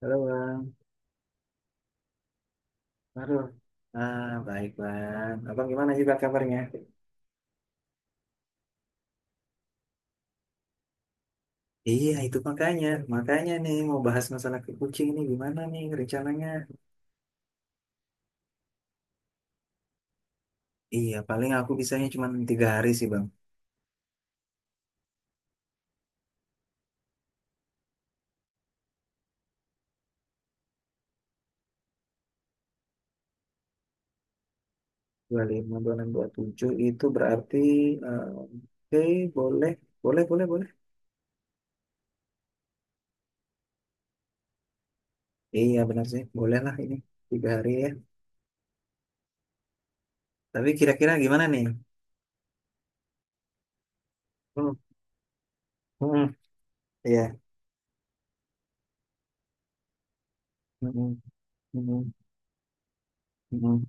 Halo Bang, aduh, baik Bang, Abang gimana sih Bang kabarnya? Iya itu makanya nih mau bahas masalah ke Kucing ini gimana nih rencananya? Iya paling aku bisanya cuma 3 hari sih Bang, 25, 26, 27 itu berarti, oke boleh, boleh, boleh, boleh. Iya benar sih, boleh lah ini 3 hari ya. Tapi kira-kira gimana nih? Hmm, hmm, iya. Hmm, hmm, hmm, hmm.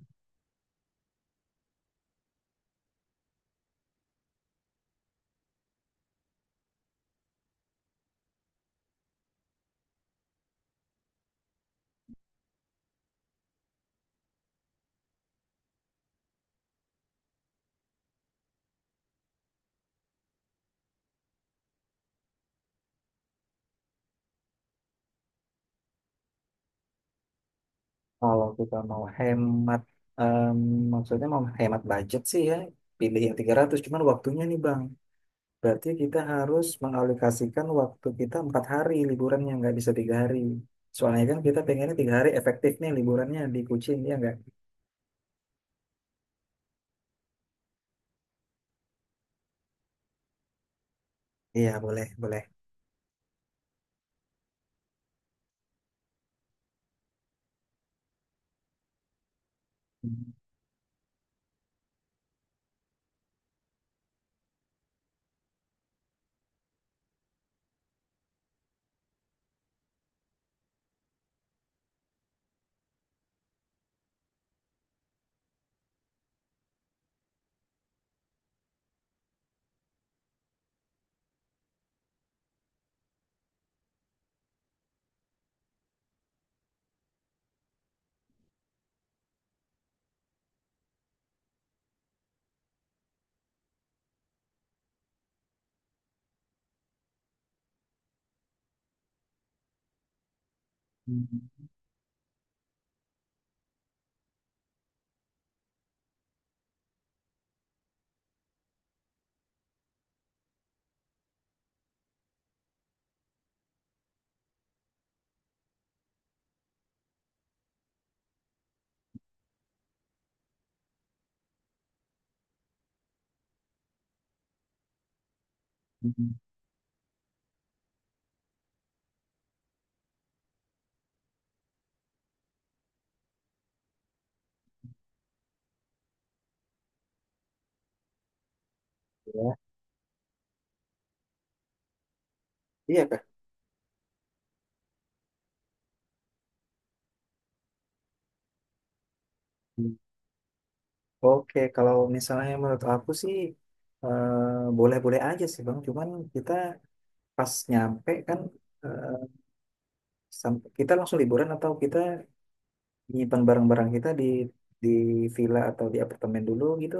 Kalau kita mau hemat, em, maksudnya mau hemat budget sih ya, pilih yang 300. Cuman waktunya nih Bang. Berarti kita harus mengalokasikan waktu kita 4 hari liburannya, nggak bisa 3 hari. Soalnya kan kita pengennya 3 hari efektif nih liburannya di Kucing, ya nggak? Iya, boleh, boleh. Ya. Iya Kak. Oke, kalau misalnya menurut aku sih boleh-boleh aja sih Bang, cuman kita pas nyampe kan eh, kita langsung liburan atau kita nyimpan barang-barang kita di villa atau di apartemen dulu gitu?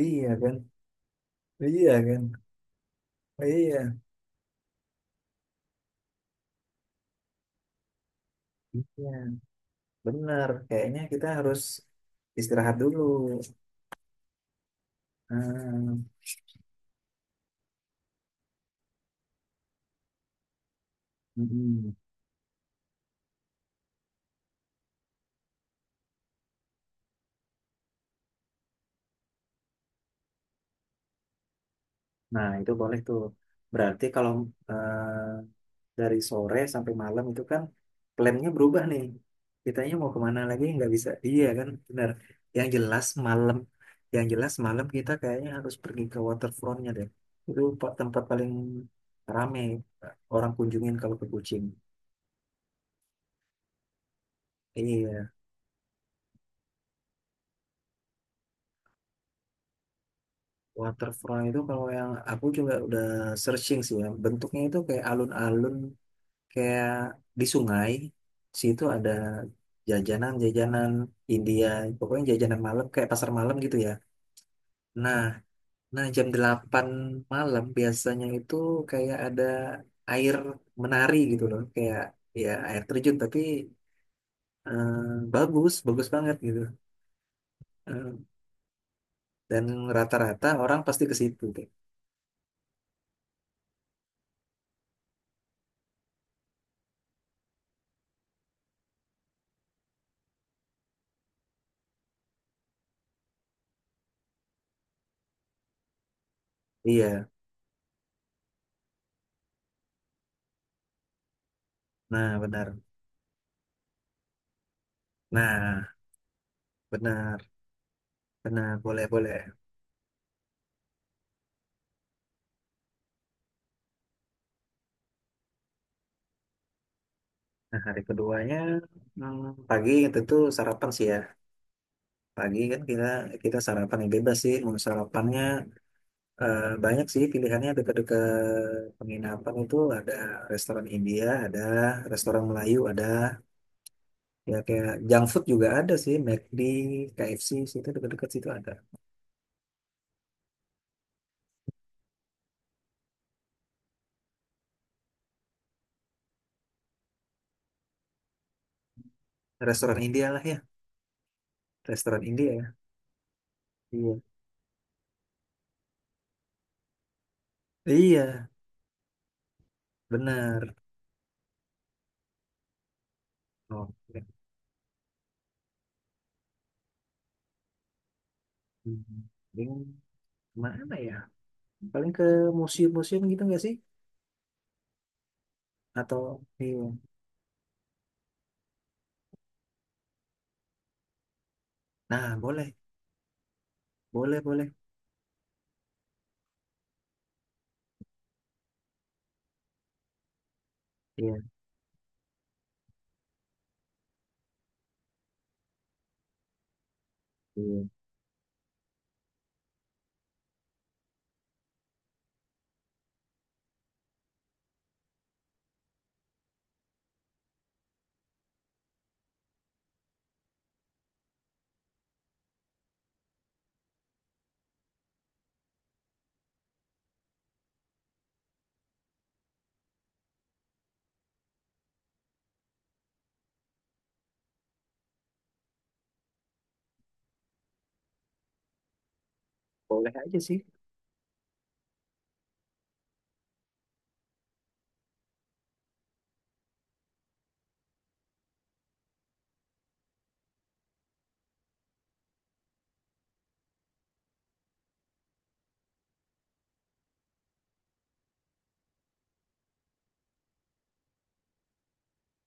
Iya kan? Iya kan? Iya. Iya, benar. Kayaknya kita harus istirahat dulu. Ah, mm-mm. Nah, itu boleh tuh. Berarti kalau dari sore sampai malam itu kan plannya berubah nih. Kitanya mau kemana lagi nggak bisa. Iya kan, benar. Yang jelas malam, yang jelas malam kita kayaknya harus pergi ke waterfrontnya deh. Itu tempat paling rame orang kunjungin kalau ke Kucing. Iya, waterfront itu kalau yang aku juga udah searching sih ya. Bentuknya itu kayak alun-alun, kayak di sungai. Di situ ada jajanan-jajanan India, pokoknya jajanan malam kayak pasar malam gitu ya. Nah, nah, jam 8 malam biasanya itu kayak ada air menari gitu loh, kayak ya air terjun tapi eh, bagus, bagus banget gitu. Eh, dan rata-rata orang pasti ke situ deh. Iya, nah benar. Nah, benar. Benar, boleh, boleh. Nah, hari keduanya pagi tentu sarapan sih ya. Pagi kan kita kita sarapan yang bebas sih, mau sarapannya. Banyak sih pilihannya dekat-dekat penginapan itu ada restoran India, ada restoran Melayu, ada ya kayak junk food juga ada sih, McD, KFC situ dekat-dekat situ ada. Restoran India lah ya, restoran India ya. Iya. Iya, benar. Oke. Hmm. Paling Mana ya? Paling ke museum-museum gitu nggak sih? Atau iya. Nah, boleh, boleh, boleh. Iya, iya. Boleh aja sih.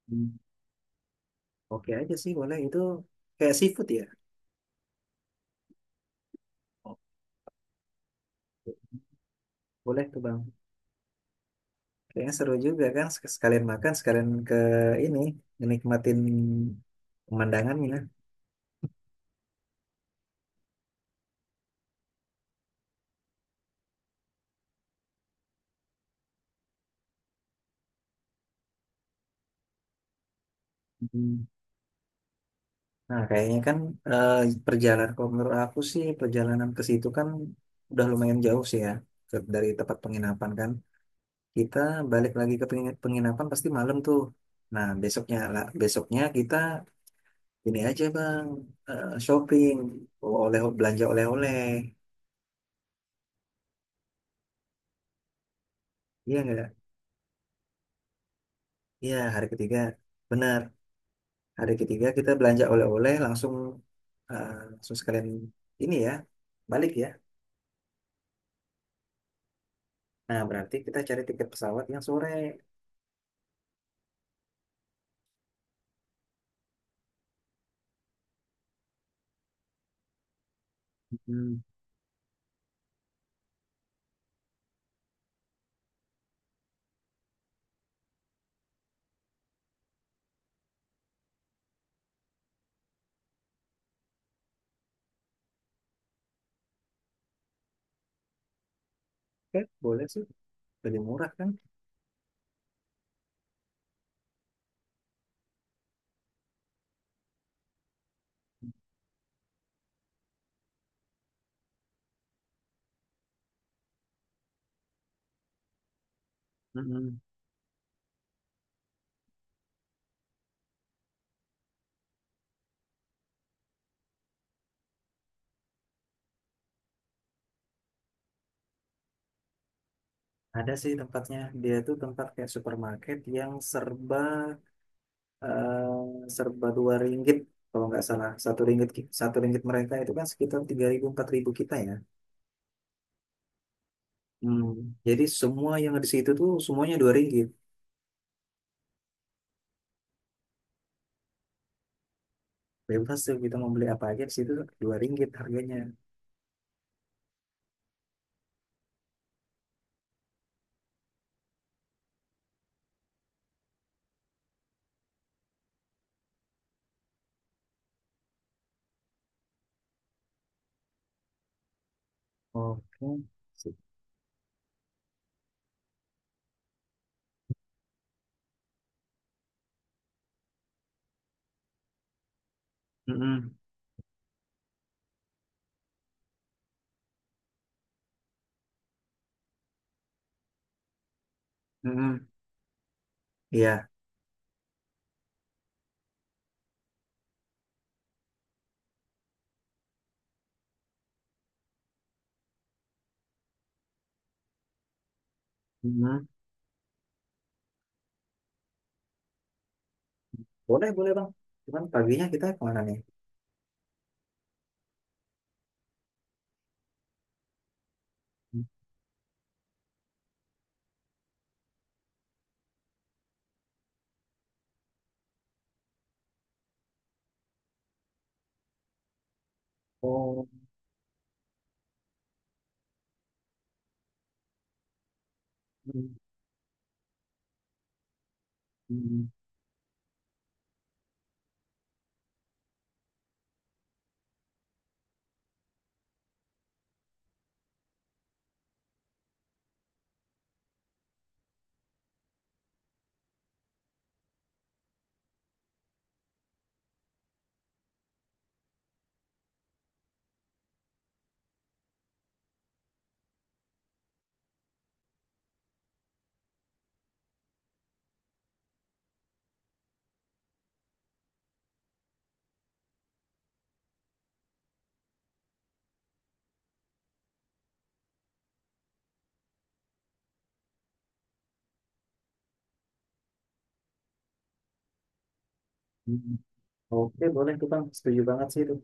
Hmm. Oke aja sih, boleh. Itu kayak seafood ya? Boleh tuh Bang. Kayaknya seru juga kan sekalian makan, sekalian ke ini, menikmatin pemandangannya. Hmm. Nah, kayaknya kan eh, perjalanan kalau menurut aku sih perjalanan ke situ kan udah lumayan jauh sih ya dari tempat penginapan kan. Kita balik lagi ke penginapan pasti malam tuh. Nah, besoknya lah, besoknya kita ini aja Bang, shopping, belanja oleh-oleh. Iya enggak? Iya, hari ketiga. Benar. Hari ketiga kita belanja oleh-oleh langsung langsung sekalian ini ya balik ya. Nah berarti kita cari tiket pesawat yang sore. Mm, Oke, boleh sih. Lebih murah kan? Mm-mm. Ada sih tempatnya. Dia tuh tempat kayak supermarket yang serba 2 ringgit kalau nggak salah. Satu ringgit mereka itu kan sekitar 3 ribu 4 ribu kita ya. Hmm. Jadi semua yang di situ tuh semuanya 2 ringgit. Bebas tuh kita mau beli apa aja di situ 2 ringgit harganya. Oke. Sih. Mm-mm. Mm-mm. Iya. Mm-mm. Boleh, boleh Bang. Cuman paginya kita kemana nih? Oh. Mm, mm, mm. Oke, boleh tuh Bang. Setuju banget sih itu.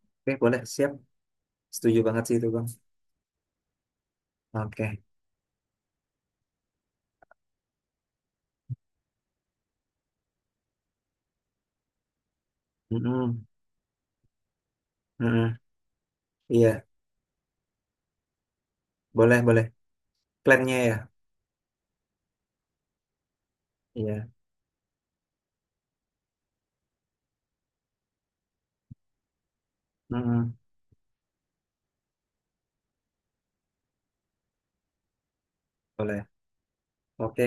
Oke, boleh. Siap. Setuju banget sih itu Bang. Oke. Mm-mm. Mm-mm. Iya, boleh, boleh. Plannya ya? Iya. Mm-mm. Boleh. Oke.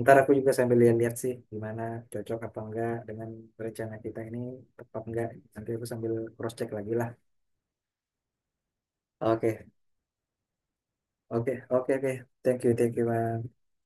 Ntar aku juga sambil lihat-lihat sih gimana cocok apa enggak dengan rencana kita ini tepat enggak. Nanti aku sambil cross-check lagi lah. Oke. Oke, oke, oke. Thank you, Mas.